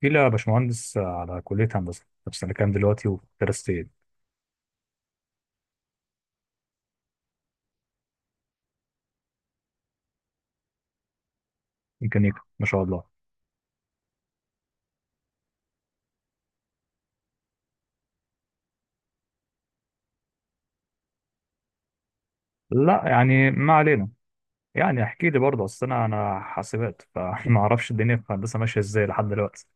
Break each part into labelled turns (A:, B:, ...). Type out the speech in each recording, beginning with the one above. A: في، لا باشمهندس، على كلية هندسة. في سنة كام دلوقتي وفي درستين ميكانيكا؟ ما شاء الله. لا يعني، ما علينا. يعني احكي لي برضه، اصل انا حاسبات، فما اعرفش الدنيا في الهندسة ماشية ازاي لحد دلوقتي.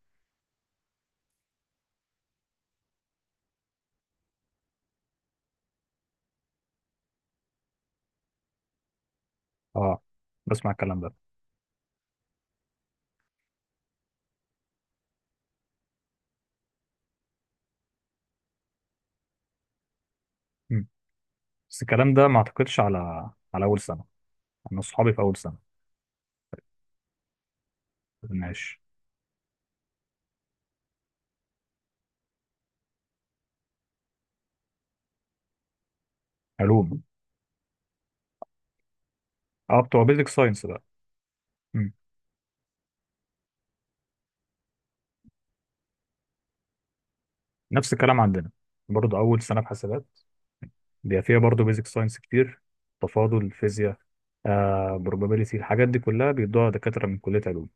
A: اه، بسمع الكلام ده. مم. بس الكلام ده ما اعتقدش على اول سنة. انا اصحابي في اول سنة. ماشي. علوم. اه، بتوع بيزك ساينس بقى. مم. نفس الكلام عندنا، برضه اول سنة في حاسبات بيبقى فيها برضه بيزك ساينس كتير، تفاضل، فيزياء، probability، الحاجات دي كلها بيدوها دكاترة من كلية علوم.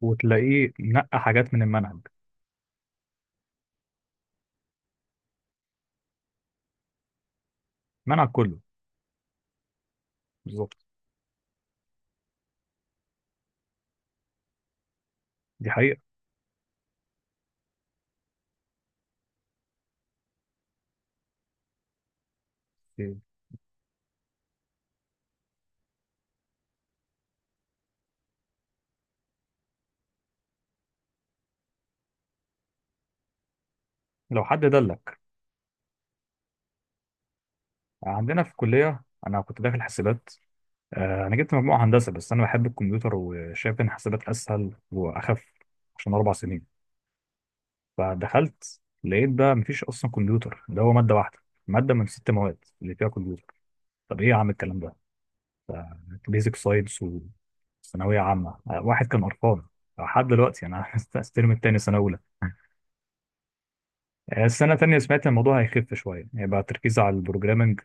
A: وتلاقيه نقى حاجات من المنهج. المنهج كله. بالظبط. دي حقيقة. لو حد دلك. عندنا في الكلية أنا كنت داخل حاسبات. أنا جبت مجموعة هندسة، بس أنا بحب الكمبيوتر، وشايف إن حاسبات أسهل وأخف، عشان 4 سنين. فدخلت لقيت بقى مفيش أصلا كمبيوتر، ده هو مادة واحدة، مادة من ست مواد اللي فيها كمبيوتر. طب إيه يا عم الكلام ده، بيزك ساينس وثانويه عامه، واحد كان ارقام. لحد دلوقتي انا الترم التاني سنه اولى. السنه التانيه سمعت الموضوع هيخف شويه، هيبقى تركيز على البروجرامنج.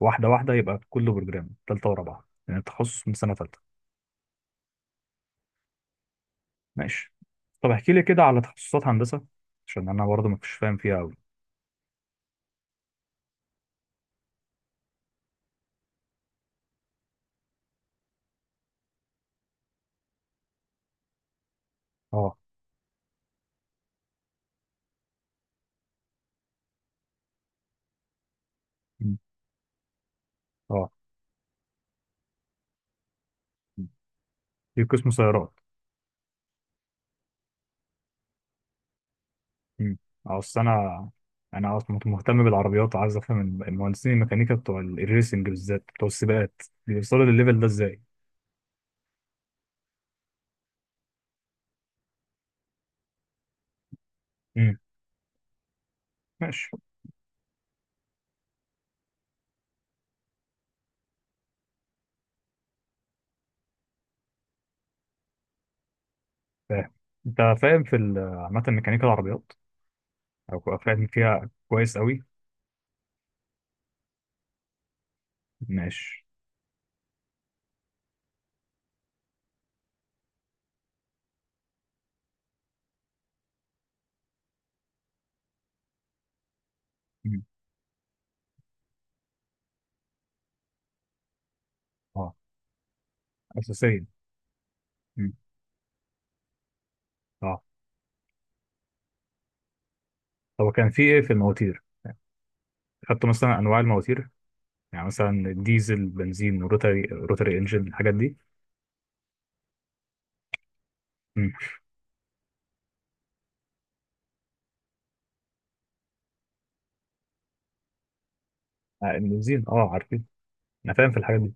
A: واحده واحده، يبقى كله بروجرامنج. تالته ورابعه يعني التخصص، من سنه تالته. ماشي. طب احكي لي كده على تخصصات هندسه، عشان انا برضه ما كنتش فاهم فيها قوي. اه. مم. اه. مم. في قسم سيارات. مم. اه، اصل انا اصلا كنت مهتم بالعربيات، وعايز افهم المهندسين الميكانيكا بتوع الريسنج، بالذات بتوع السباقات، بيوصلوا للليفل ده ازاي؟ ماشي. فاهم. انت فاهم في عامة ميكانيكا العربيات؟ او فاهم فيها كويس قوي؟ ماشي. مم. اه. اساسيا. مم. اه. هو كان في ايه في المواتير؟ خدتوا مثلا انواع المواتير؟ يعني مثلا ديزل، بنزين، روتري انجن، الحاجات دي. مم. البنزين، اه، عارفين. انا فاهم في الحاجات دي.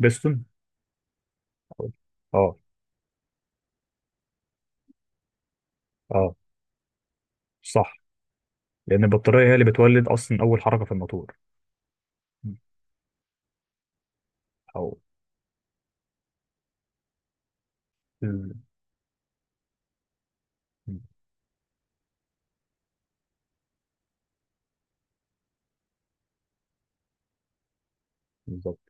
A: بيستون. اه. اه. آه، صح. لان البطاريه هي اللي بتولد اصلا اول حركه في الموتور. مم. او ال- مم. بالظبط.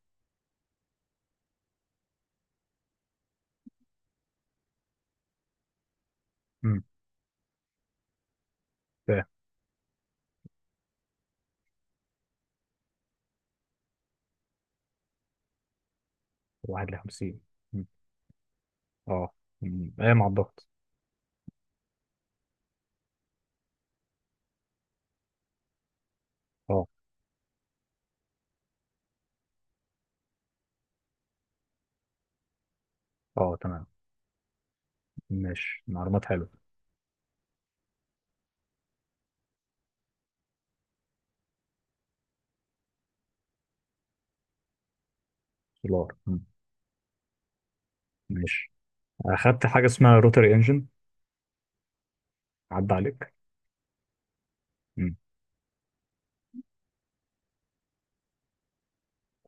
A: مم. فاهم. 51. اه. مم. ايه مع الضغط؟ اه. اه. تمام. ماشي، معلومات حلوه. سولار. مم. ماشي. اخدت حاجه اسمها روتري انجن، عدى عليك؟ مم.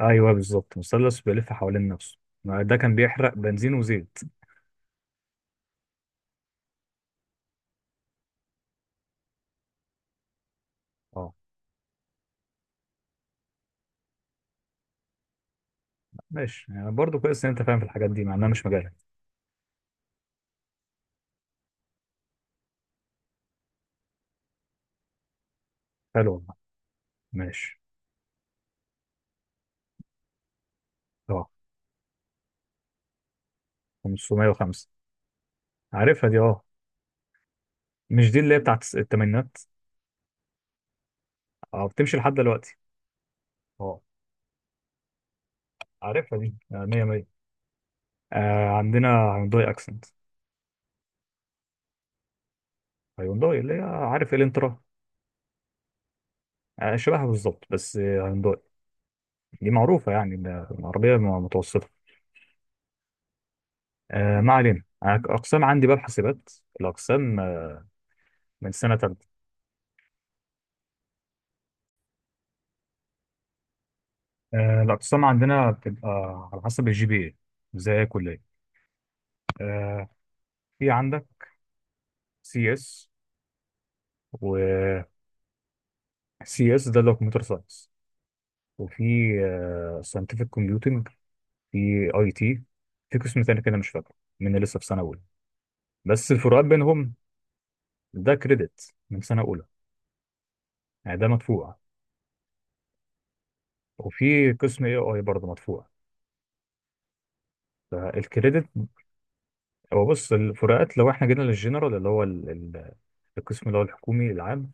A: ايوه بالظبط، مثلث بيلف حوالين نفسه. ما ده كان بيحرق بنزين وزيت. اه. ماشي. يعني برضه كويس ان انت فاهم في الحاجات دي، مع انها مش مجالك. حلو والله. ماشي. اه، 505. عارفها دي. اه. مش دي اللي هي بتاعت الثمانينات؟ اه، بتمشي لحد دلوقتي. اه. عارفها دي. آه، 100 100. آه، عندنا هيونداي اكسنت. هيونداي اللي هي عارف، الانترا. شبهها بالظبط. بس آه، هيونداي. دي معروفة، يعني ده عربية متوسطة. ما علينا. أنا أقسام عندي بقى، الحاسبات. الأقسام، من سنة تالتة. الأقسام عندنا بتبقى على حسب الجي بي إيه، زي أي كلية. آه، في عندك سي إس، و سي إس ده اللي هو كمبيوتر ساينس، وفي ساينتفك كومبيوتنج، في أي تي، في قسم تاني كده مش فاكره، من لسه في سنة أولى. بس الفروقات بينهم، ده كريدت من سنة أولى، يعني ده مدفوع. وفي قسم اي اي برضه مدفوع، فالكريدت. هو بص، الفروقات لو احنا جينا للجنرال اللي هو القسم اللي هو الحكومي العام،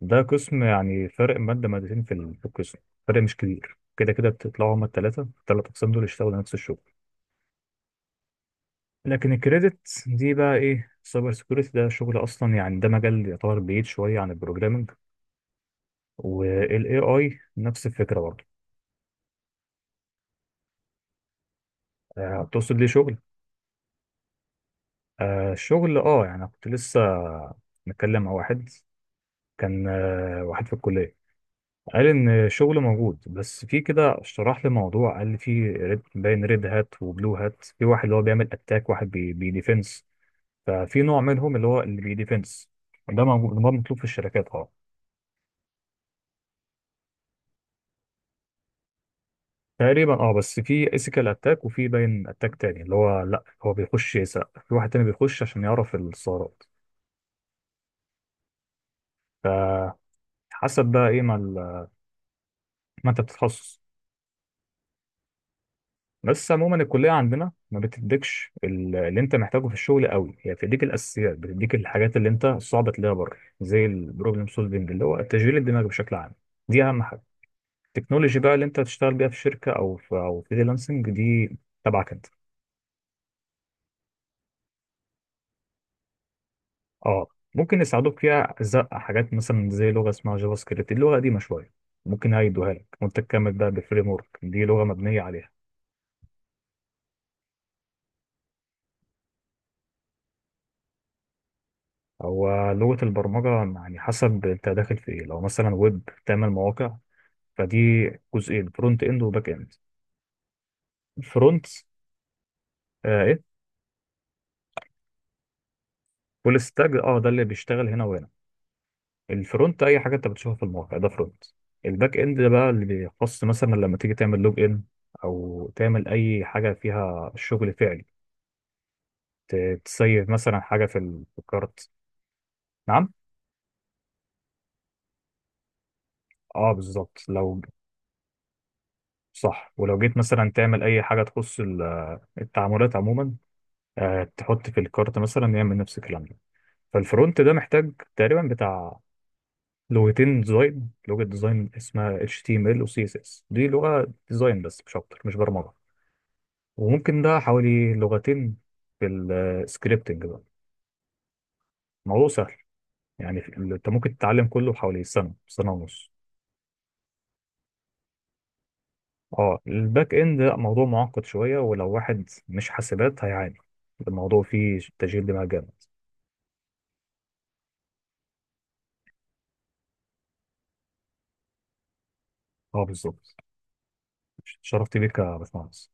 A: ده قسم يعني فرق مادة مادتين في في القسم، فرق مش كبير. كده كده بتطلعوا، هما التلات أقسام دول يشتغلوا نفس الشغل. لكن الكريدت دي بقى إيه، سايبر سيكيورتي ده شغل أصلا، يعني ده مجال يعتبر بعيد شوية عن البروجرامينج، وال AI نفس الفكرة برضه. تقصد ليه شغل؟ الشغل يعني كنت لسه متكلم مع واحد، كان واحد في الكلية، قال إن الشغل موجود، بس في كده شرح لي موضوع، قال لي في ريد، باين، ريد هات وبلو هات، في واحد اللي هو بيعمل أتاك، واحد بيديفنس. ففي نوع منهم اللي هو اللي بيديفنس، ده موجود، ده مطلوب في الشركات. اه. تقريبا اه. بس في اسيكال اتاك، وفي باين اتاك تاني اللي هو، لا هو بيخش يسرق، في واحد تاني بيخش عشان يعرف الثغرات فحسب. بقى ايه ما انت بتتخصص. بس عموما الكلية عندنا ما بتديكش اللي انت محتاجه في الشغل قوي، هي بتديك الاساسيات، بتديك الحاجات اللي انت صعب تلاقيها بره، زي البروبلم سولفنج اللي هو تشغيل الدماغ بشكل عام، دي اهم حاجة. التكنولوجي بقى اللي انت هتشتغل بيها في شركة او او فريلانسنج، دي تبعك انت. اه. ممكن يساعدوك فيها، زق حاجات مثلا زي لغة اسمها جافا سكريبت، اللغة قديمة شوية، ممكن هيدوها لك وانت تكمل بقى بالفريم ورك، دي لغة مبنية عليها. هو لغة البرمجة، يعني حسب انت داخل في ايه. لو مثلا ويب، تعمل مواقع، فدي جزئين، فرونت اند وباك اند. الفرونت آه، ايه، فول ستاك. اه، ده اللي بيشتغل هنا وهنا. الفرونت اي حاجه انت بتشوفها في الموقع ده فرونت. الباك اند ده بقى اللي بيخص مثلا لما تيجي تعمل لوج ان، او تعمل اي حاجه فيها شغل فعلي، تسيف مثلا حاجه في في الكارت. نعم. اه بالظبط، لو. صح. ولو جيت مثلا تعمل اي حاجه تخص التعاملات عموما، تحط في الكارت مثلا، يعمل نفس الكلام ده. فالفرونت ده محتاج تقريبا بتاع لغتين ديزاين، لغة ديزاين اسمها HTML و CSS، دي لغة ديزاين بس، مش أكتر، مش برمجة. وممكن ده حوالي لغتين. في السكريبتنج بقى، الموضوع سهل يعني، أنت ممكن تتعلم كله حوالي سنة، سنة ونص. اه. الباك إند لأ، موضوع معقد شوية، ولو واحد مش حاسبات هيعاني، الموضوع فيه تشغيل دماغ جامد. اه بالظبط. شرفت بيك يا باشمهندس.